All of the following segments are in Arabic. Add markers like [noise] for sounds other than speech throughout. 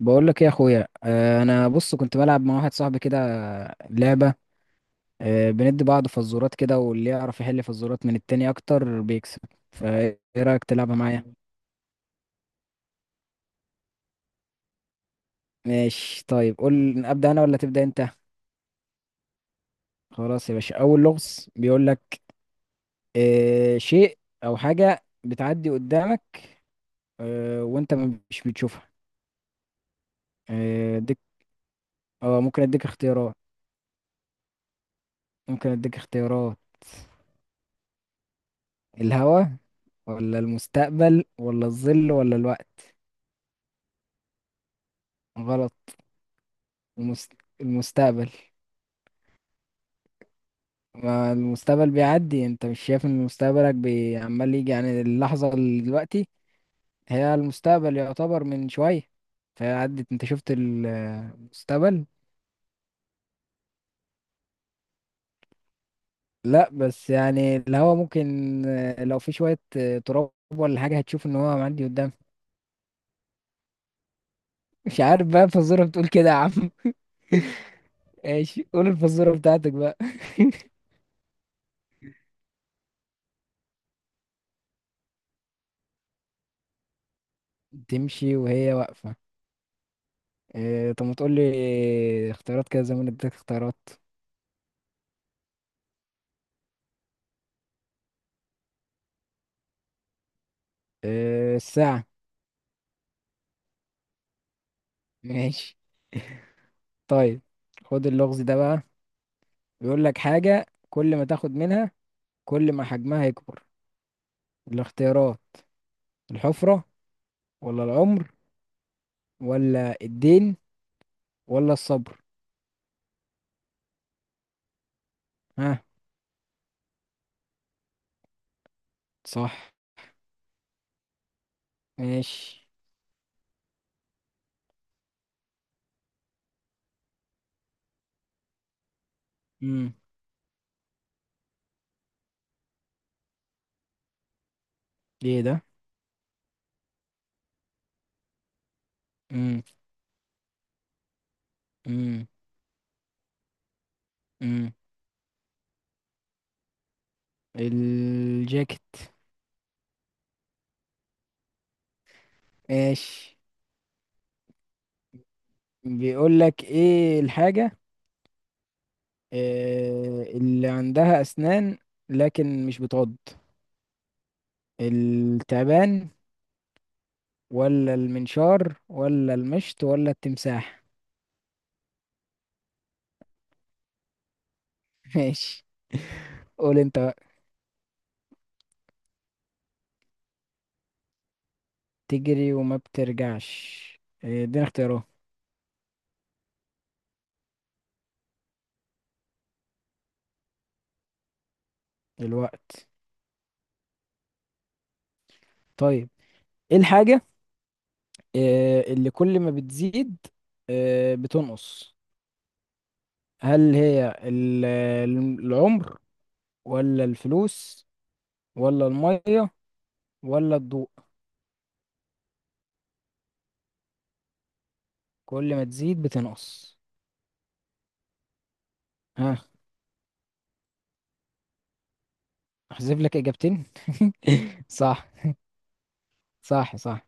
بقول لك ايه يا اخويا؟ انا بص كنت بلعب مع واحد صاحبي كده. لعبه. بندي بعض فزورات كده، واللي يعرف يحل فزورات من التاني اكتر بيكسب. فايه رايك تلعبها معايا؟ ماشي، طيب، قول: ابدا انا ولا تبدا انت؟ خلاص يا باشا، اول لغز بيقول لك: شيء او حاجه بتعدي قدامك، وانت مش بتشوفها. اديك. اه، ممكن اديك اختيارات. ممكن اديك اختيارات. الهوا، ولا المستقبل، ولا الظل، ولا الوقت؟ غلط. المس- المستقبل. ما المستقبل بيعدي، انت مش شايف ان مستقبلك عمال يجي، يعني اللحظة اللي دلوقتي هي المستقبل، يعتبر من شوية. فهي عدت، انت شفت المستقبل. لا بس يعني الهوا ممكن، لو في شوية تراب ولا حاجة هتشوف ان هو معدي قدام. مش عارف بقى، الفزورة بتقول كده يا عم. [laughs] ايش، قول الفزورة بتاعتك بقى. [laughs] تمشي وهي واقفة؟ طب ما تقول لي اختيارات كده، زي ما أنا اديتك اختيارات. الساعة. ماشي، طيب، خد اللغز ده بقى. بيقول لك: حاجة كل ما تاخد منها كل ما حجمها يكبر. الاختيارات: الحفرة، ولا العمر، ولا الدين، ولا الصبر؟ ها؟ صح. ماشي. امم. ايه ده؟ امم. امم. امم. الجاكيت. ماشي. بيقول لك: ايه الحاجة اللي عندها اسنان لكن مش بتعض؟ التعبان، ولا المنشار، ولا المشط، ولا التمساح؟ [laughs] ماشي، قول انت بقى. تجري وما بترجعش؟ إيه، ادينا اختيارات. الوقت. طيب، ايه الحاجة إيه، اللي كل ما بتزيد إيه، بتنقص؟ هل هي العمر، ولا الفلوس، ولا المية، ولا الضوء؟ كل ما تزيد بتنقص. ها؟ احذف لك اجابتين. [laughs] صح. صح، صح.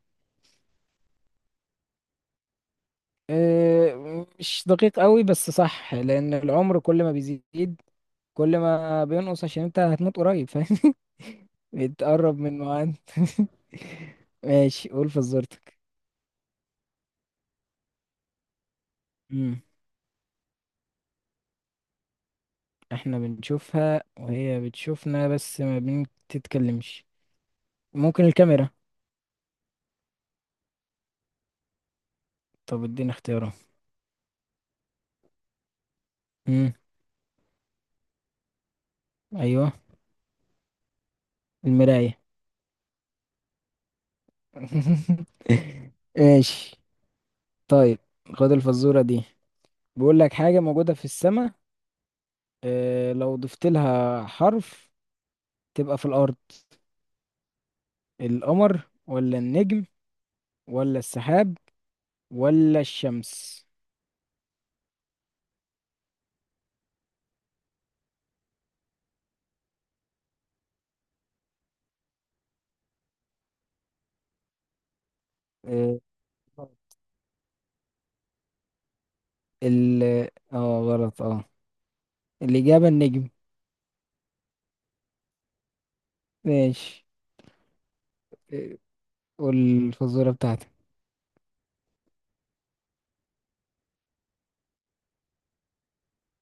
مش دقيق قوي، بس صح، لان العمر كل ما بيزيد كل ما بينقص، عشان انت هتموت قريب، فاهم؟ [laughs] بتقرب من ميعاد. [laughs] ماشي، قول فزورتك. امم. احنا بنشوفها وهي بتشوفنا بس ما بنتتكلمش. ممكن الكاميرا؟ طب ادينا اختيارات. امم. ايوه. المراية. [laughs] ماشي، طيب، خد الفزورة دي. بيقول لك: حاجة موجودة في السماء، اه لو ضفت لها حرف تبقى في الأرض. القمر، ولا النجم، ولا السحاب، ولا الشمس؟ آه، ال اه، غلط، اه. الإجابة النجم. ماشي. آه، والفزورة بتاعتي: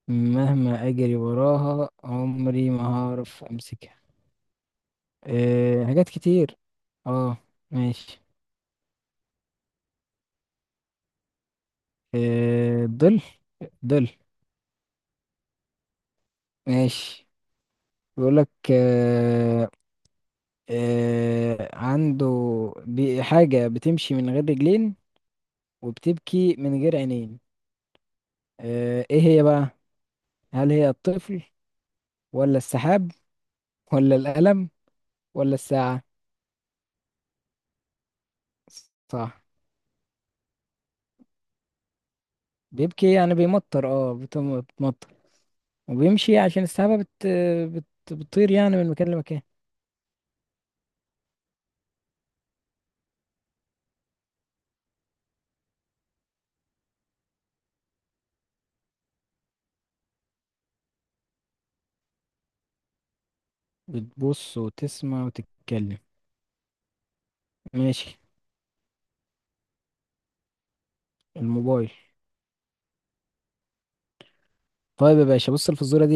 مهما أجري وراها عمري ما هعرف أمسكها؟ أه، حاجات كتير. اه، ماشي. ظل. ظل. ماشي. بيقولك أه أه عنده حاجة بتمشي من غير رجلين، وبتبكي من غير عينين، ايه هي بقى؟ هل هي الطفل، ولا السحاب، ولا القلم، ولا الساعة؟ صح. بيبكي يعني بيمطر، اه، بتمطر. وبيمشي عشان السحابة بتطير، يعني من مكان لمكان. بتبص وتسمع وتتكلم. ماشي. الموبايل. طيب يا باشا، بص الفزورة دي،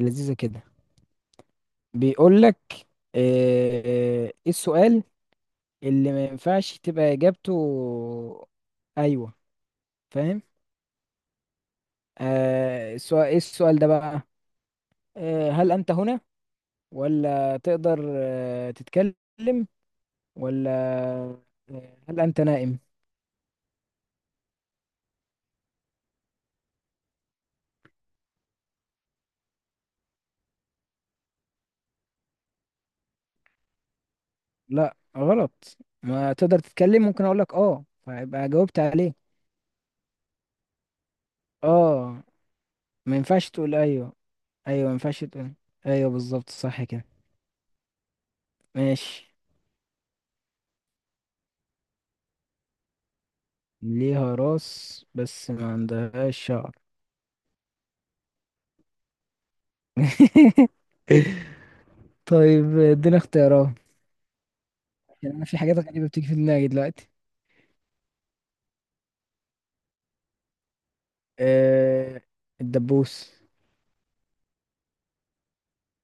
لذيذة كده. بيقول لك: ايه السؤال اللي ما ينفعش تبقى اجابته ايوه، فاهم؟ آه السؤال ايه السؤال ده بقى؟ هل انت هنا، ولا تقدر تتكلم، ولا هل انت نائم؟ لا، غلط. ما تقدر تتكلم، ممكن اقول لك اه، فيبقى جاوبت عليه. اه. ما ينفعش تقول ايوه. ايوه، ما ينفعش تقول ايوه بالظبط، صح كده. ماشي. ليها راس بس ما عندهاش شعر. [laughs] طيب، ادينا اختيارات. يعني انا في حاجات غريبة بتيجي في دماغي دلوقتي. آه الدبوس.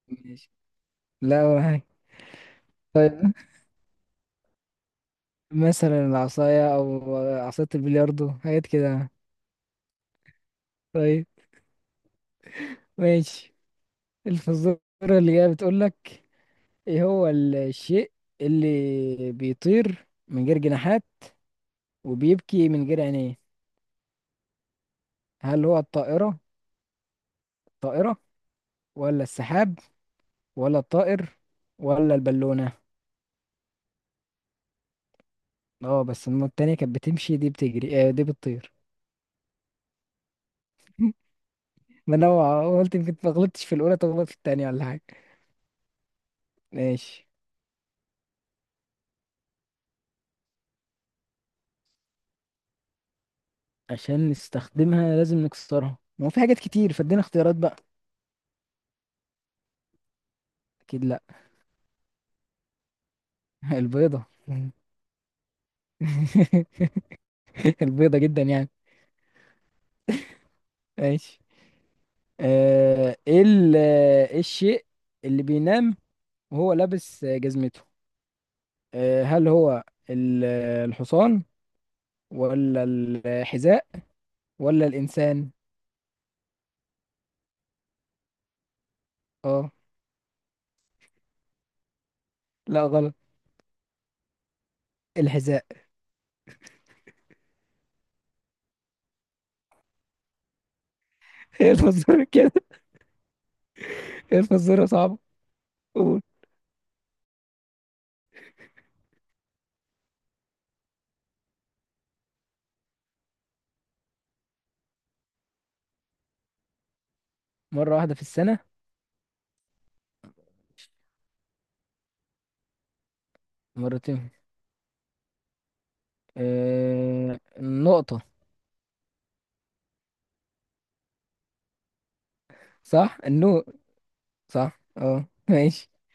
ماشي. لا، ولا حاجة. طيب، مثلا العصاية أو عصاية البلياردو، حاجات كده. طيب. ماشي. الفزورة اللي جاية بتقولك: إيه هو الشيء اللي بيطير من غير جناحات وبيبكي من غير عينيه؟ هل هو الطائرة، ولا السحاب، ولا الطائر، ولا البالونة؟ اه بس التانية كانت بتمشي، دي بتجري، دي بتطير. [laughs] ما انا قلت يمكن ما غلطتش في الاولى، طب غلطت في التانية ولا حاجة؟ ماشي. عشان نستخدمها لازم نكسرها؟ ما هو في حاجات كتير، فادينا اختيارات بقى. اكيد لا. [laughs] البيضة؟ [laughs] البيضة جدا يعني. ماشي. آه، ايه ال- آه، إيه الشيء اللي بينام وهو لابس جزمته؟ هل هو الحصان، ولا الحذاء، ولا الإنسان؟ اه، لا، غلط. الحذاء. [laughs] ايه الفزورة كده؟ ايه الفزورة صعبة. قول. مرة واحدة في السنة. مرتين؟ النقطة. صح، النور. صح، اه، ماشي.